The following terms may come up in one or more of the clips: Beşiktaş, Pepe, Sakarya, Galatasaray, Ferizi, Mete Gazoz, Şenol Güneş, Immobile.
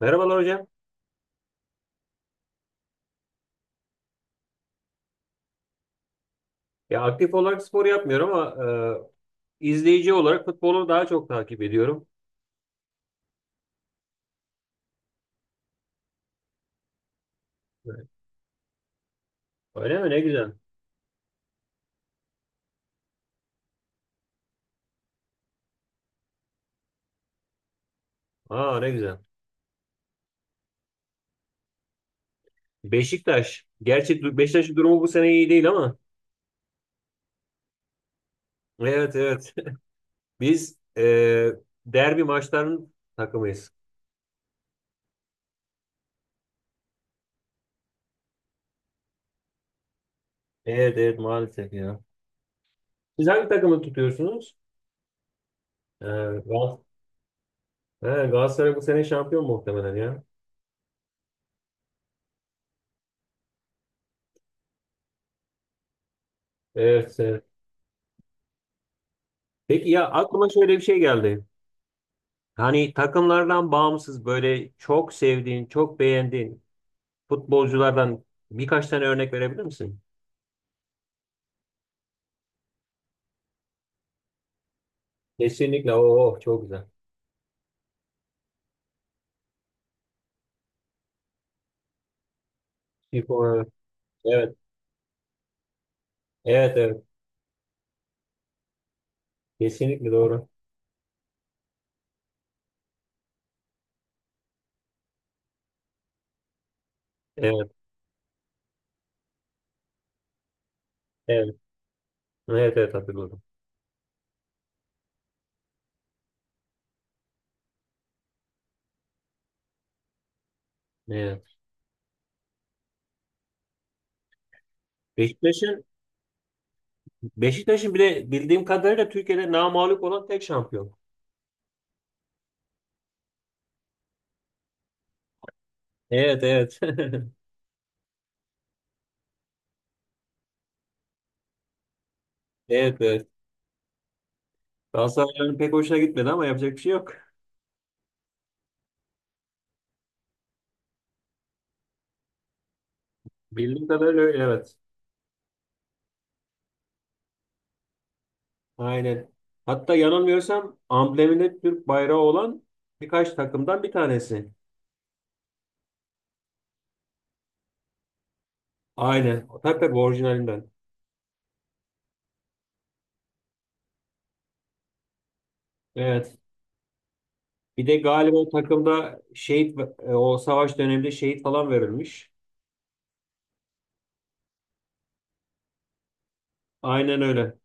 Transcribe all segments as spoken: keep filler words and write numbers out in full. Merhabalar hocam. Ya aktif olarak spor yapmıyorum ama e, izleyici olarak futbolu daha çok takip ediyorum. Evet. Öyle mi? Ne güzel. Aa ne güzel. Beşiktaş. Gerçi du- Beşiktaş'ın durumu bu sene iyi değil ama. Evet evet. Biz e, derbi maçlarının takımıyız. Evet evet maalesef ya. Siz hangi takımı tutuyorsunuz? E, Gal He, Galatasaray bu sene şampiyon muhtemelen ya. Evet evet. Peki ya aklıma şöyle bir şey geldi. Hani takımlardan bağımsız böyle çok sevdiğin, çok beğendiğin futbolculardan birkaç tane örnek verebilir misin? Kesinlikle. Oo, çok güzel. Şipo, evet. Evet, evet, evet. Kesinlikle doğru. Evet, evet. Evet, evet hatırladım. Evet. Beşiktaş'ın Beşiktaş'ın bir de bildiğim kadarıyla Türkiye'de namağlup olan tek şampiyon. Evet, evet. Evet, evet. Galatasaray'ın pek hoşuna gitmedi ama yapacak bir şey yok. Bildiğim kadarıyla öyle, evet. Aynen. Hatta yanılmıyorsam ambleminde Türk bayrağı olan birkaç takımdan bir tanesi. Aynen. Tabii tabii orijinalinden. Evet. Bir de galiba o takımda şehit e, o savaş döneminde şehit falan verilmiş. Aynen öyle.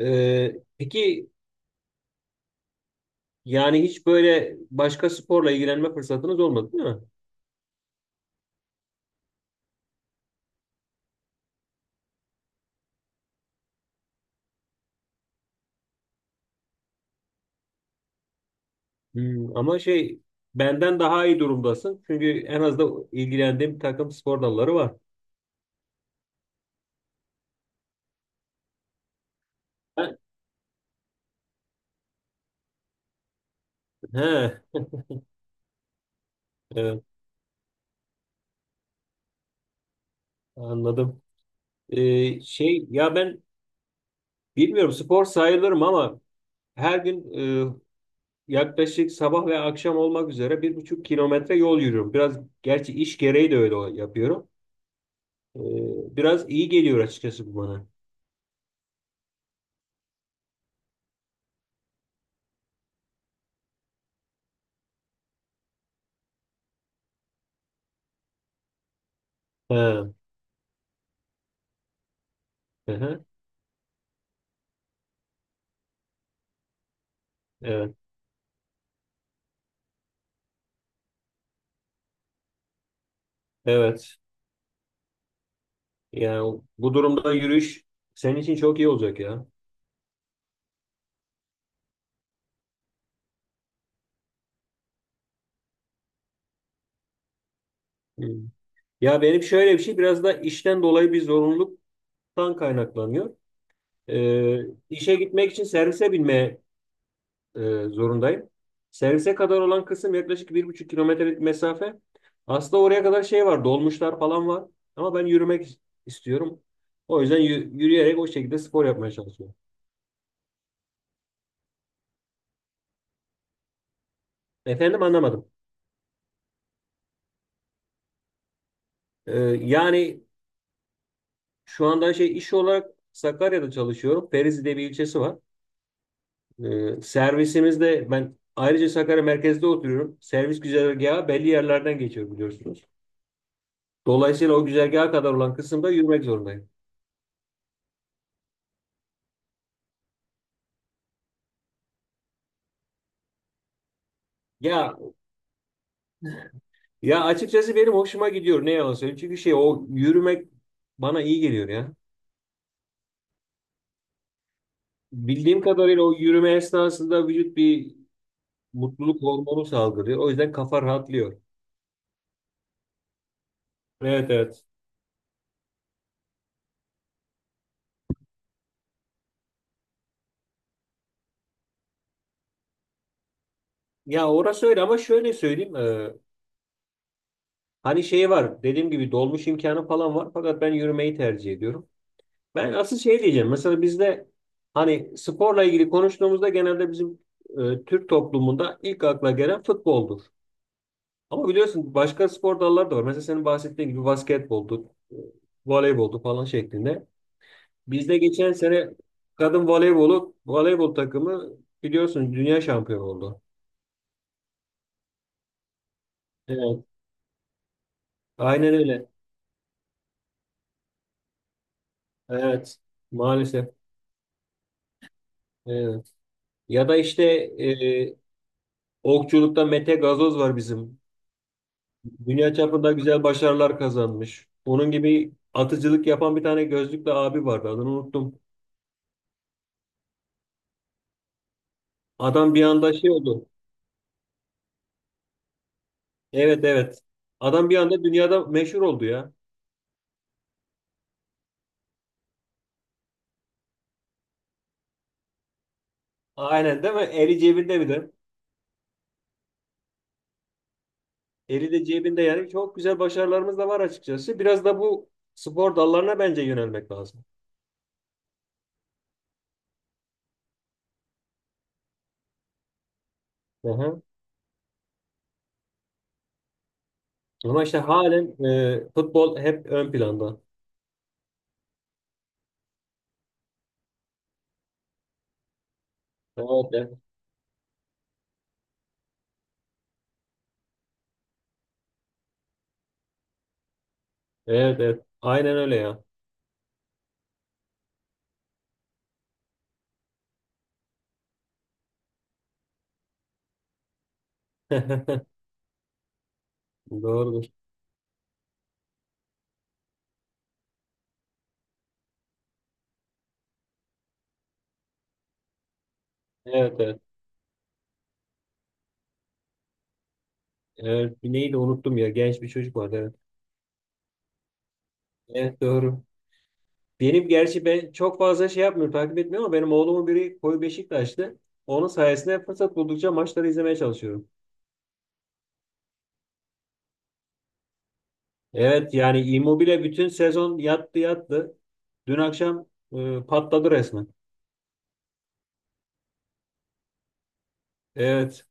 Ee, peki yani hiç böyle başka sporla ilgilenme fırsatınız olmadı değil mi? Hmm, ama şey benden daha iyi durumdasın. Çünkü en az da ilgilendiğim bir takım spor dalları var. Ben- He, evet, anladım. Ee, şey ya ben bilmiyorum spor sayılırım ama her gün e, yaklaşık sabah ve akşam olmak üzere bir buçuk kilometre yol yürüyorum. Biraz gerçi iş gereği de öyle yapıyorum. Ee, Biraz iyi geliyor açıkçası bu bana. Ha, hı hı, evet, evet. Yani bu durumda yürüyüş senin için çok iyi olacak ya. Hı. Ya benim şöyle bir şey biraz da işten dolayı bir zorunluluktan kaynaklanıyor. Ee, işe gitmek için servise binmeye e, zorundayım. Servise kadar olan kısım yaklaşık bir buçuk kilometrelik mesafe. Aslında oraya kadar şey var, dolmuşlar falan var. Ama ben yürümek istiyorum. O yüzden yü- yürüyerek o şekilde spor yapmaya çalışıyorum. Efendim anlamadım. Ee, yani şu anda şey iş olarak Sakarya'da çalışıyorum. Ferizi diye bir ilçesi var. Ee, servisimizde ben ayrıca Sakarya merkezde oturuyorum. Servis güzergahı belli yerlerden geçiyor biliyorsunuz. Dolayısıyla o güzergaha kadar olan kısımda yürümek zorundayım. Ya Ya açıkçası benim hoşuma gidiyor ne yalan söyleyeyim. Çünkü şey o yürümek bana iyi geliyor ya. Bildiğim kadarıyla o yürüme esnasında vücut bir mutluluk hormonu salgılıyor. O yüzden kafa rahatlıyor. Evet evet. Ya orası öyle ama şöyle söyleyeyim. E, hani şey var dediğim gibi dolmuş imkanı falan var. Fakat ben yürümeyi tercih ediyorum. Ben asıl şey diyeceğim. Mesela bizde hani sporla ilgili konuştuğumuzda genelde bizim e, Türk toplumunda ilk akla gelen futboldur. Ama biliyorsun başka spor dalları da var. Mesela senin bahsettiğin gibi basketboldu, e, voleyboldu falan şeklinde. Bizde geçen sene kadın voleybolu, voleybol takımı biliyorsun dünya şampiyonu oldu. Evet. Aynen öyle. Evet. Maalesef. Evet. Ya da işte e, okçulukta Mete Gazoz var bizim. Dünya çapında güzel başarılar kazanmış. Onun gibi atıcılık yapan bir tane gözlüklü abi vardı. Adını unuttum. Adam bir anda şey oldu. Evet evet. Adam bir anda dünyada meşhur oldu ya. Aynen değil mi? Eli cebinde bir de. Eli de cebinde yani çok güzel başarılarımız da var açıkçası. Biraz da bu spor dallarına bence yönelmek lazım. Aha. Ama işte halen e, futbol hep ön planda. Evet evet. Evet evet. Aynen öyle ya. Doğrudur. Evet evet. Evet. Neydi unuttum ya. Genç bir çocuk vardı. Evet. Evet doğru. Benim gerçi ben çok fazla şey yapmıyorum, takip etmiyorum ama benim oğlumun biri koyu Beşiktaşlı. Onun sayesinde fırsat buldukça maçları izlemeye çalışıyorum. Evet yani Immobile bütün sezon yattı yattı. Dün akşam e, patladı resmen. Evet.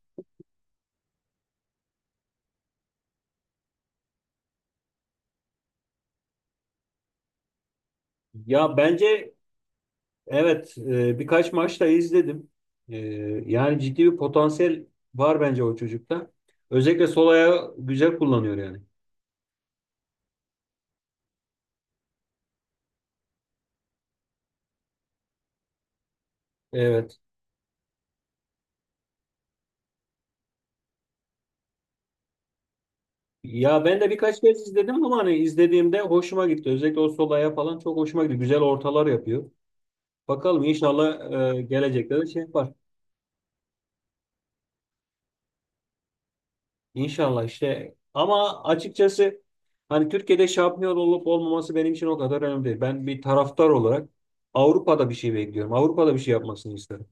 Ya bence evet e, birkaç maç da izledim. E, Yani ciddi bir potansiyel var bence o çocukta. Özellikle sol ayağı güzel kullanıyor yani. Evet. Ya ben de birkaç kez izledim ama hani izlediğimde hoşuma gitti. Özellikle o sol ayağı falan çok hoşuma gitti. Güzel ortalar yapıyor. Bakalım inşallah e, gelecekte de şey yapar. İnşallah işte ama açıkçası hani Türkiye'de şampiyon olup olmaması benim için o kadar önemli değil. Ben bir taraftar olarak Avrupa'da bir şey bekliyorum. Avrupa'da bir şey yapmasını isterim.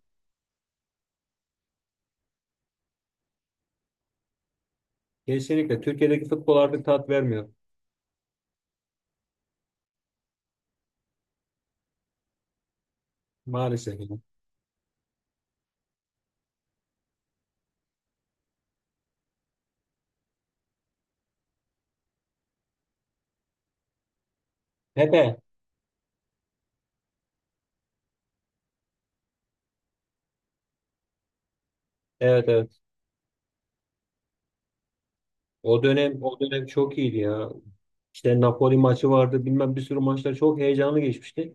Kesinlikle Türkiye'deki futbol artık tat vermiyor maalesef. Pepe. Evet evet. O dönem o dönem çok iyiydi ya. İşte Napoli maçı vardı bilmem bir sürü maçlar çok heyecanlı geçmişti.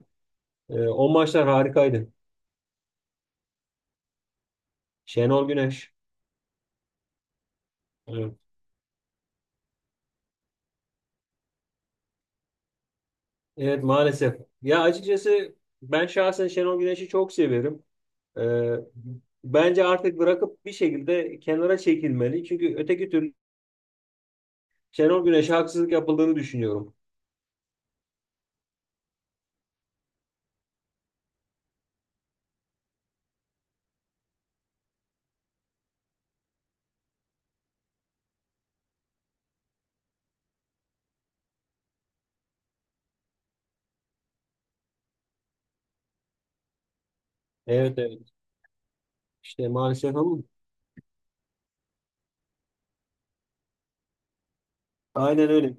Ee, o maçlar harikaydı. Şenol Güneş. Evet. Evet maalesef. Ya açıkçası ben şahsen Şenol Güneş'i çok severim. Ee, Bence artık bırakıp bir şekilde kenara çekilmeli. Çünkü öteki türlü Şenol Güneş'e haksızlık yapıldığını düşünüyorum. Evet evet. İşte maalesef ama aynen öyle.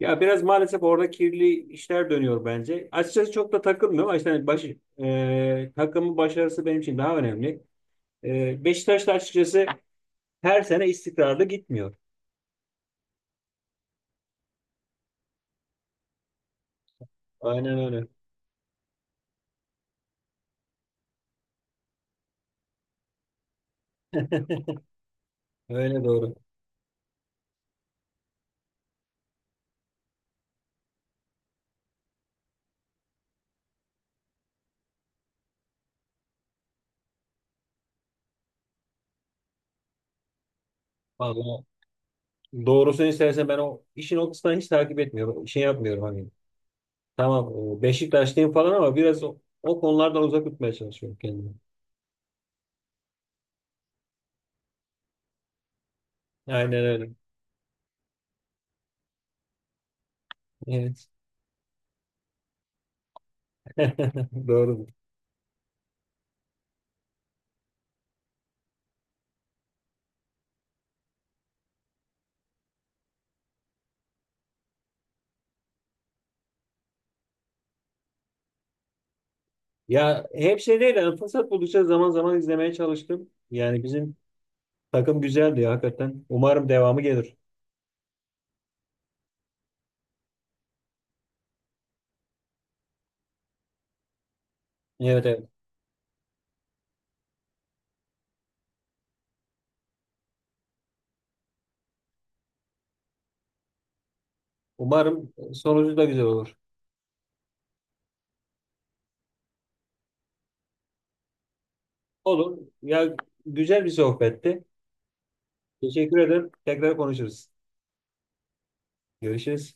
Ya biraz maalesef orada kirli işler dönüyor bence. Açıkçası çok da takılmıyorum. Ama işte hani başı, e, takımın başarısı benim için daha önemli. E, Beşiktaş da açıkçası her sene istikrarlı gitmiyor. Aynen öyle. Öyle doğru. Vallahi doğrusunu istersen ben o işin o kısmını hiç takip etmiyorum. Şey yapmıyorum hani. Tamam e, Beşiktaşlıyım falan ama biraz o, o konulardan uzak tutmaya çalışıyorum kendimi. Aynen öyle. Evet. Doğru. Ya hep şey değil. Yani fırsat buldukça zaman zaman izlemeye çalıştım. Yani bizim takım güzeldi ya hakikaten. Umarım devamı gelir. Evet evet. Umarım sonucu da güzel olur. Olur. Ya güzel bir sohbetti. Teşekkür ederim. Tekrar konuşuruz. Görüşürüz.